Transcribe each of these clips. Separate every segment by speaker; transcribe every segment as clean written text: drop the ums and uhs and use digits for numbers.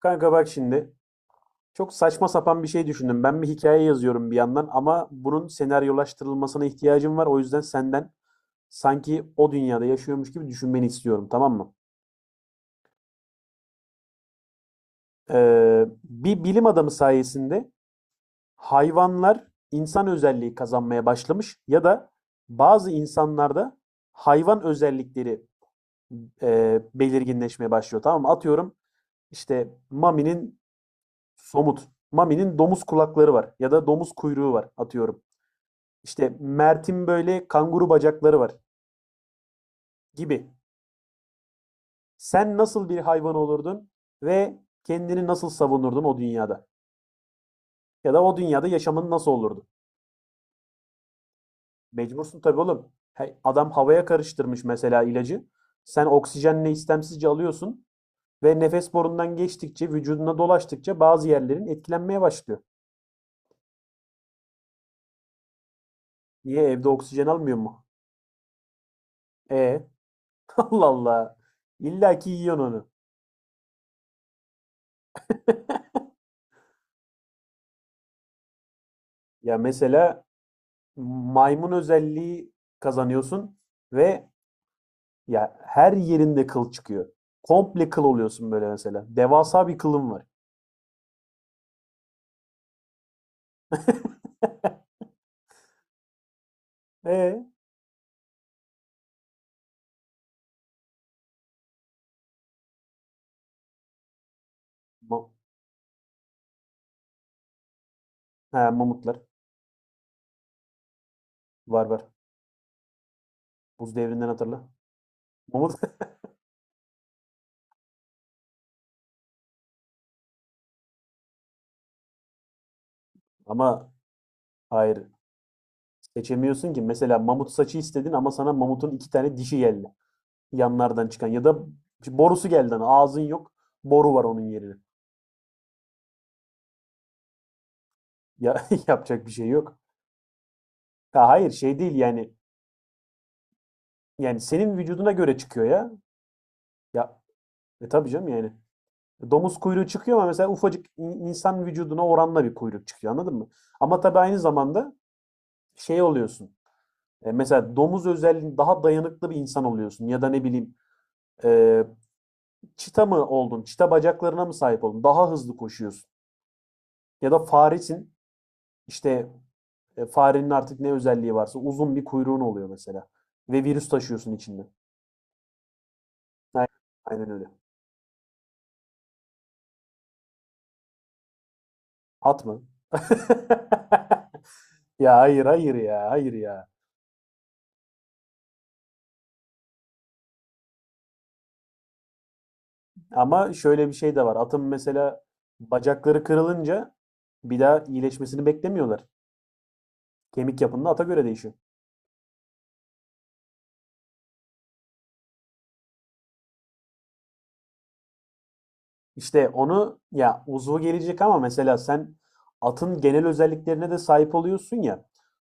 Speaker 1: Kanka bak şimdi. Çok saçma sapan bir şey düşündüm. Ben bir hikaye yazıyorum bir yandan ama bunun senaryolaştırılmasına ihtiyacım var. O yüzden senden sanki o dünyada yaşıyormuş gibi düşünmeni istiyorum, tamam mı? Bir bilim adamı sayesinde hayvanlar insan özelliği kazanmaya başlamış ya da bazı insanlarda hayvan özellikleri belirginleşmeye başlıyor, tamam mı? Atıyorum işte Mami'nin somut, Mami'nin domuz kulakları var ya da domuz kuyruğu var atıyorum. İşte Mert'in böyle kanguru bacakları var gibi. Sen nasıl bir hayvan olurdun ve kendini nasıl savunurdun o dünyada? Ya da o dünyada yaşamın nasıl olurdu? Mecbursun tabii oğlum. Hey, adam havaya karıştırmış mesela ilacı. Sen oksijenle istemsizce alıyorsun ve nefes borundan geçtikçe, vücuduna dolaştıkça bazı yerlerin etkilenmeye başlıyor. Niye evde oksijen almıyor mu? E Allah Allah. İlla ki yiyorsun onu. Ya mesela maymun özelliği kazanıyorsun ve ya her yerinde kıl çıkıyor. Komple kıl oluyorsun böyle mesela. Devasa bir kılın var. E Ma- he, Mamutlar var var. Buz devrinden hatırla. Mamut ama hayır seçemiyorsun ki. Mesela mamut saçı istedin ama sana mamutun iki tane dişi geldi. Yanlardan çıkan ya da borusu geldi. Hani ağzın yok. Boru var onun yerine. Ya yapacak bir şey yok. Ha, hayır şey değil yani. Yani senin vücuduna göre çıkıyor ya. Ya, E tabii canım yani. Domuz kuyruğu çıkıyor ama mesela ufacık insan vücuduna oranla bir kuyruk çıkıyor anladın mı? Ama tabii aynı zamanda şey oluyorsun. Mesela domuz özelliğin daha dayanıklı bir insan oluyorsun ya da ne bileyim, e, çita mı oldun? Çita bacaklarına mı sahip oldun? Daha hızlı koşuyorsun. Ya da faresin işte, farenin artık ne özelliği varsa uzun bir kuyruğun oluyor mesela. Ve virüs taşıyorsun içinde. Aynen, aynen öyle. At mı? Ya hayır hayır ya hayır ya. Ama şöyle bir şey de var. Atın mesela bacakları kırılınca bir daha iyileşmesini beklemiyorlar. Kemik yapında ata göre değişiyor. İşte onu ya uzvu gelecek ama mesela sen atın genel özelliklerine de sahip oluyorsun ya.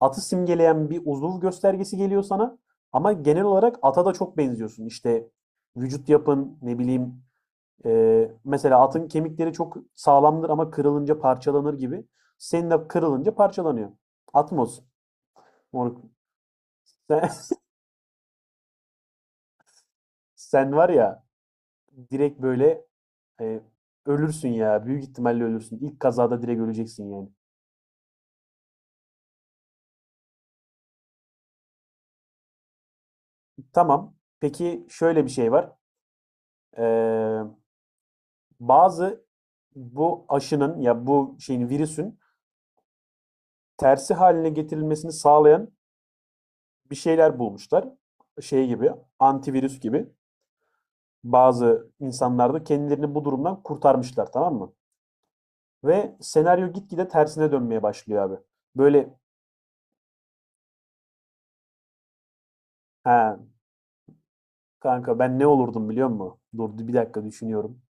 Speaker 1: Atı simgeleyen bir uzuv göstergesi geliyor sana ama genel olarak ata da çok benziyorsun. İşte vücut yapın ne bileyim, mesela atın kemikleri çok sağlamdır ama kırılınca parçalanır gibi. Senin de kırılınca parçalanıyor. Atmos. Moruk. Sen, Sen var ya direkt böyle, e, ölürsün ya. Büyük ihtimalle ölürsün. İlk kazada direkt öleceksin yani. Tamam. Peki şöyle bir şey var. Ee, Bazı bu aşının ya bu şeyin virüsün tersi haline getirilmesini sağlayan bir şeyler bulmuşlar. Şey gibi, antivirüs gibi. Bazı insanlar da kendilerini bu durumdan kurtarmışlar, tamam mı? Ve senaryo gitgide tersine dönmeye başlıyor abi. Böyle ha, Kanka ben ne olurdum biliyor musun? Dur bir dakika düşünüyorum.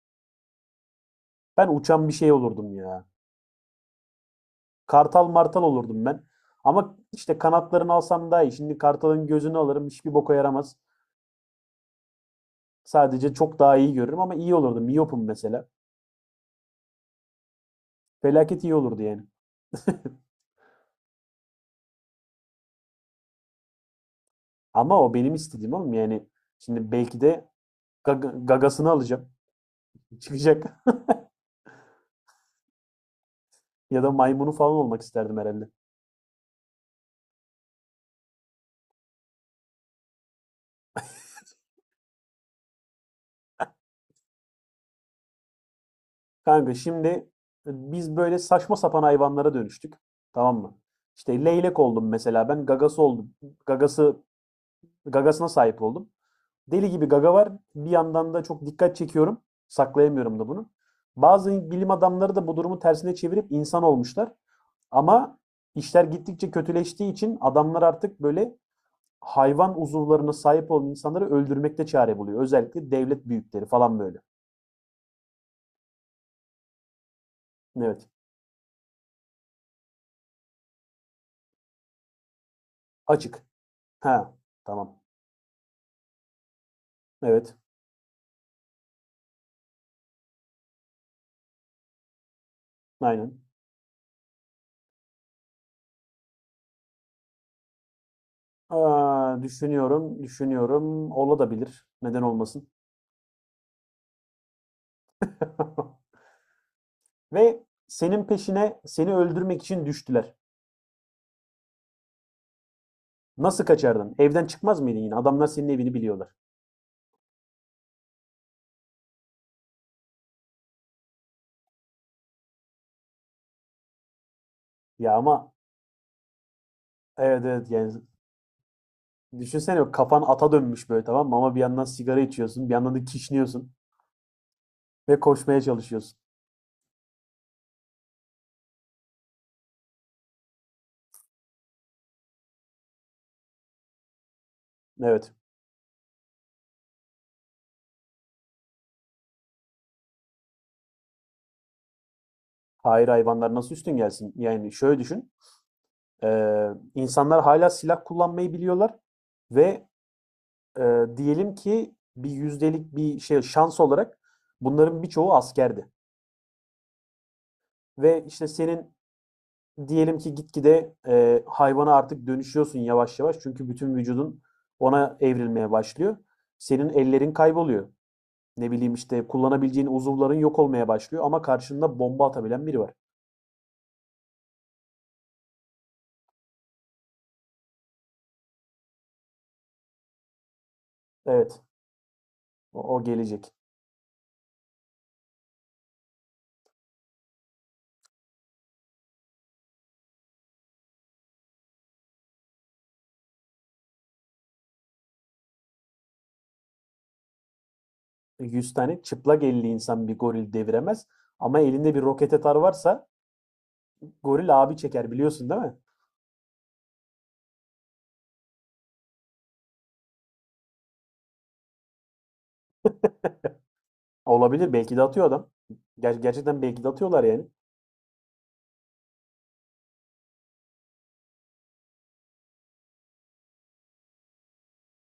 Speaker 1: Ben uçan bir şey olurdum ya. Kartal martal olurdum ben. Ama işte kanatlarını alsam daha iyi. Şimdi kartalın gözünü alırım hiçbir boka yaramaz. Sadece çok daha iyi görürüm ama iyi olurdum. Miyopum mesela. Felaket iyi olurdu yani. Ama o benim istediğim oğlum yani. Şimdi belki de gagasını alacağım. Çıkacak. Ya da maymunu falan olmak isterdim herhalde. Kanka şimdi, biz böyle saçma sapan hayvanlara dönüştük. Tamam mı? İşte leylek oldum mesela ben. Gagası oldum. Gagası Gagasına sahip oldum. Deli gibi gaga var. Bir yandan da çok dikkat çekiyorum. Saklayamıyorum da bunu. Bazı bilim adamları da bu durumu tersine çevirip insan olmuşlar. Ama işler gittikçe kötüleştiği için adamlar artık böyle hayvan uzuvlarına sahip olan insanları öldürmekte çare buluyor. Özellikle devlet büyükleri falan böyle. Evet. Açık. Ha, tamam. Evet. Aynen. Aa, düşünüyorum, düşünüyorum. Olabilir. Neden olmasın? Ve senin peşine seni öldürmek için düştüler. Nasıl kaçardın? Evden çıkmaz mıydın yine? Adamlar senin evini biliyorlar. Ya ama evet, evet yani düşünsene kafan ata dönmüş böyle, tamam mı? Ama bir yandan sigara içiyorsun, bir yandan da kişniyorsun ve koşmaya çalışıyorsun. Evet. Hayır, hayvanlar nasıl üstün gelsin? Yani şöyle düşün. İnsanlar hâlâ silah kullanmayı biliyorlar ve diyelim ki bir yüzdelik bir şey şans olarak bunların birçoğu askerdi ve, işte, senin diyelim ki gitgide, hayvana artık dönüşüyorsun yavaş yavaş çünkü bütün vücudun ona evrilmeye başlıyor. Senin ellerin kayboluyor. Ne bileyim, işte, kullanabileceğin uzuvların yok olmaya başlıyor ama karşında bomba atabilen biri var. Evet, o gelecek. Yüz tane çıplak elli insan bir goril deviremez ama elinde bir roket atar varsa. Goril abi çeker biliyorsun değil mi? Olabilir, belki de atıyor adam. Gerçekten belki de atıyorlar yani.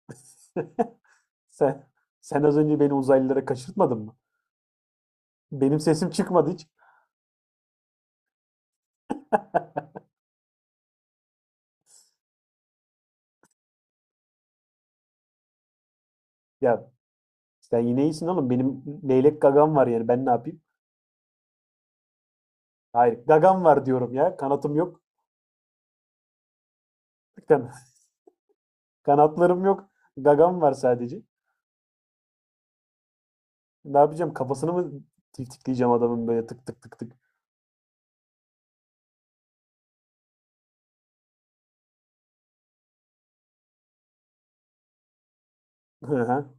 Speaker 1: Sen Sen az önce beni uzaylılara kaçırtmadın mı? Benim sesim çıkmadı hiç. Ya sen yine iyisin oğlum. Benim leylek gagam var yani ben ne yapayım? Hayır, gagam var diyorum ya. Kanatım yok. Kan- kanatlarım yok. Gagam var sadece. Ne yapacağım? Kafasını mı tiftikleyeceğim adamın böyle tık tık tık tık? Hı hı.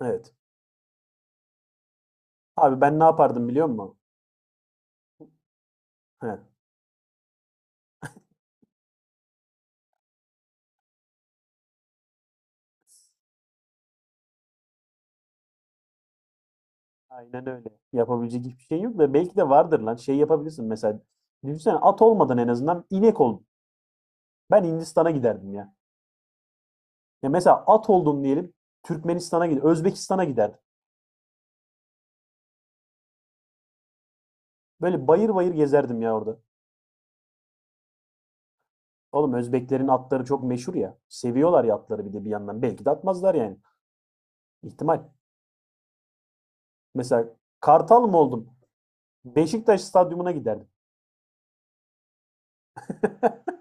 Speaker 1: Evet. Abi ben ne yapardım biliyor musun? He. Aynen öyle. Yapabilecek hiçbir şey yok da belki de vardır lan. Şey yapabilirsin mesela. Düşünsene, at olmadan en azından inek ol. Ben Hindistan'a giderdim ya. Ya mesela at oldum diyelim. Türkmenistan'a giderdim. Özbekistan'a giderdim. Böyle bayır bayır gezerdim ya orada. Oğlum Özbeklerin atları çok meşhur ya. Seviyorlar ya atları bir de bir yandan. Belki de atmazlar yani. İhtimal. Mesela Kartal mı oldum? Beşiktaş stadyumuna giderdim.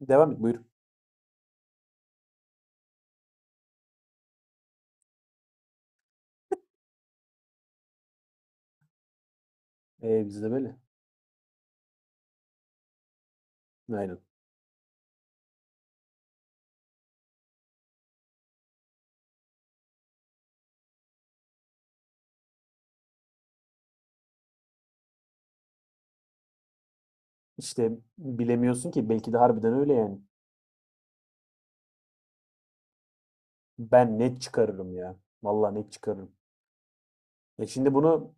Speaker 1: Devam et buyur. Bizde böyle. Aynen. İşte bilemiyorsun ki belki de harbiden öyle yani. Ben net çıkarırım ya. Vallahi net çıkarırım. Şimdi bunu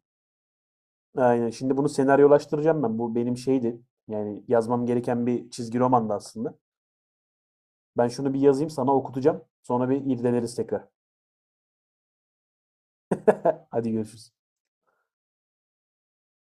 Speaker 1: aynen şimdi bunu senaryolaştıracağım ben. Bu benim şeydi. Yani yazmam gereken bir çizgi romandı aslında. Ben şunu bir yazayım sana okutacağım. Sonra bir irdeleriz tekrar. Hadi görüşürüz.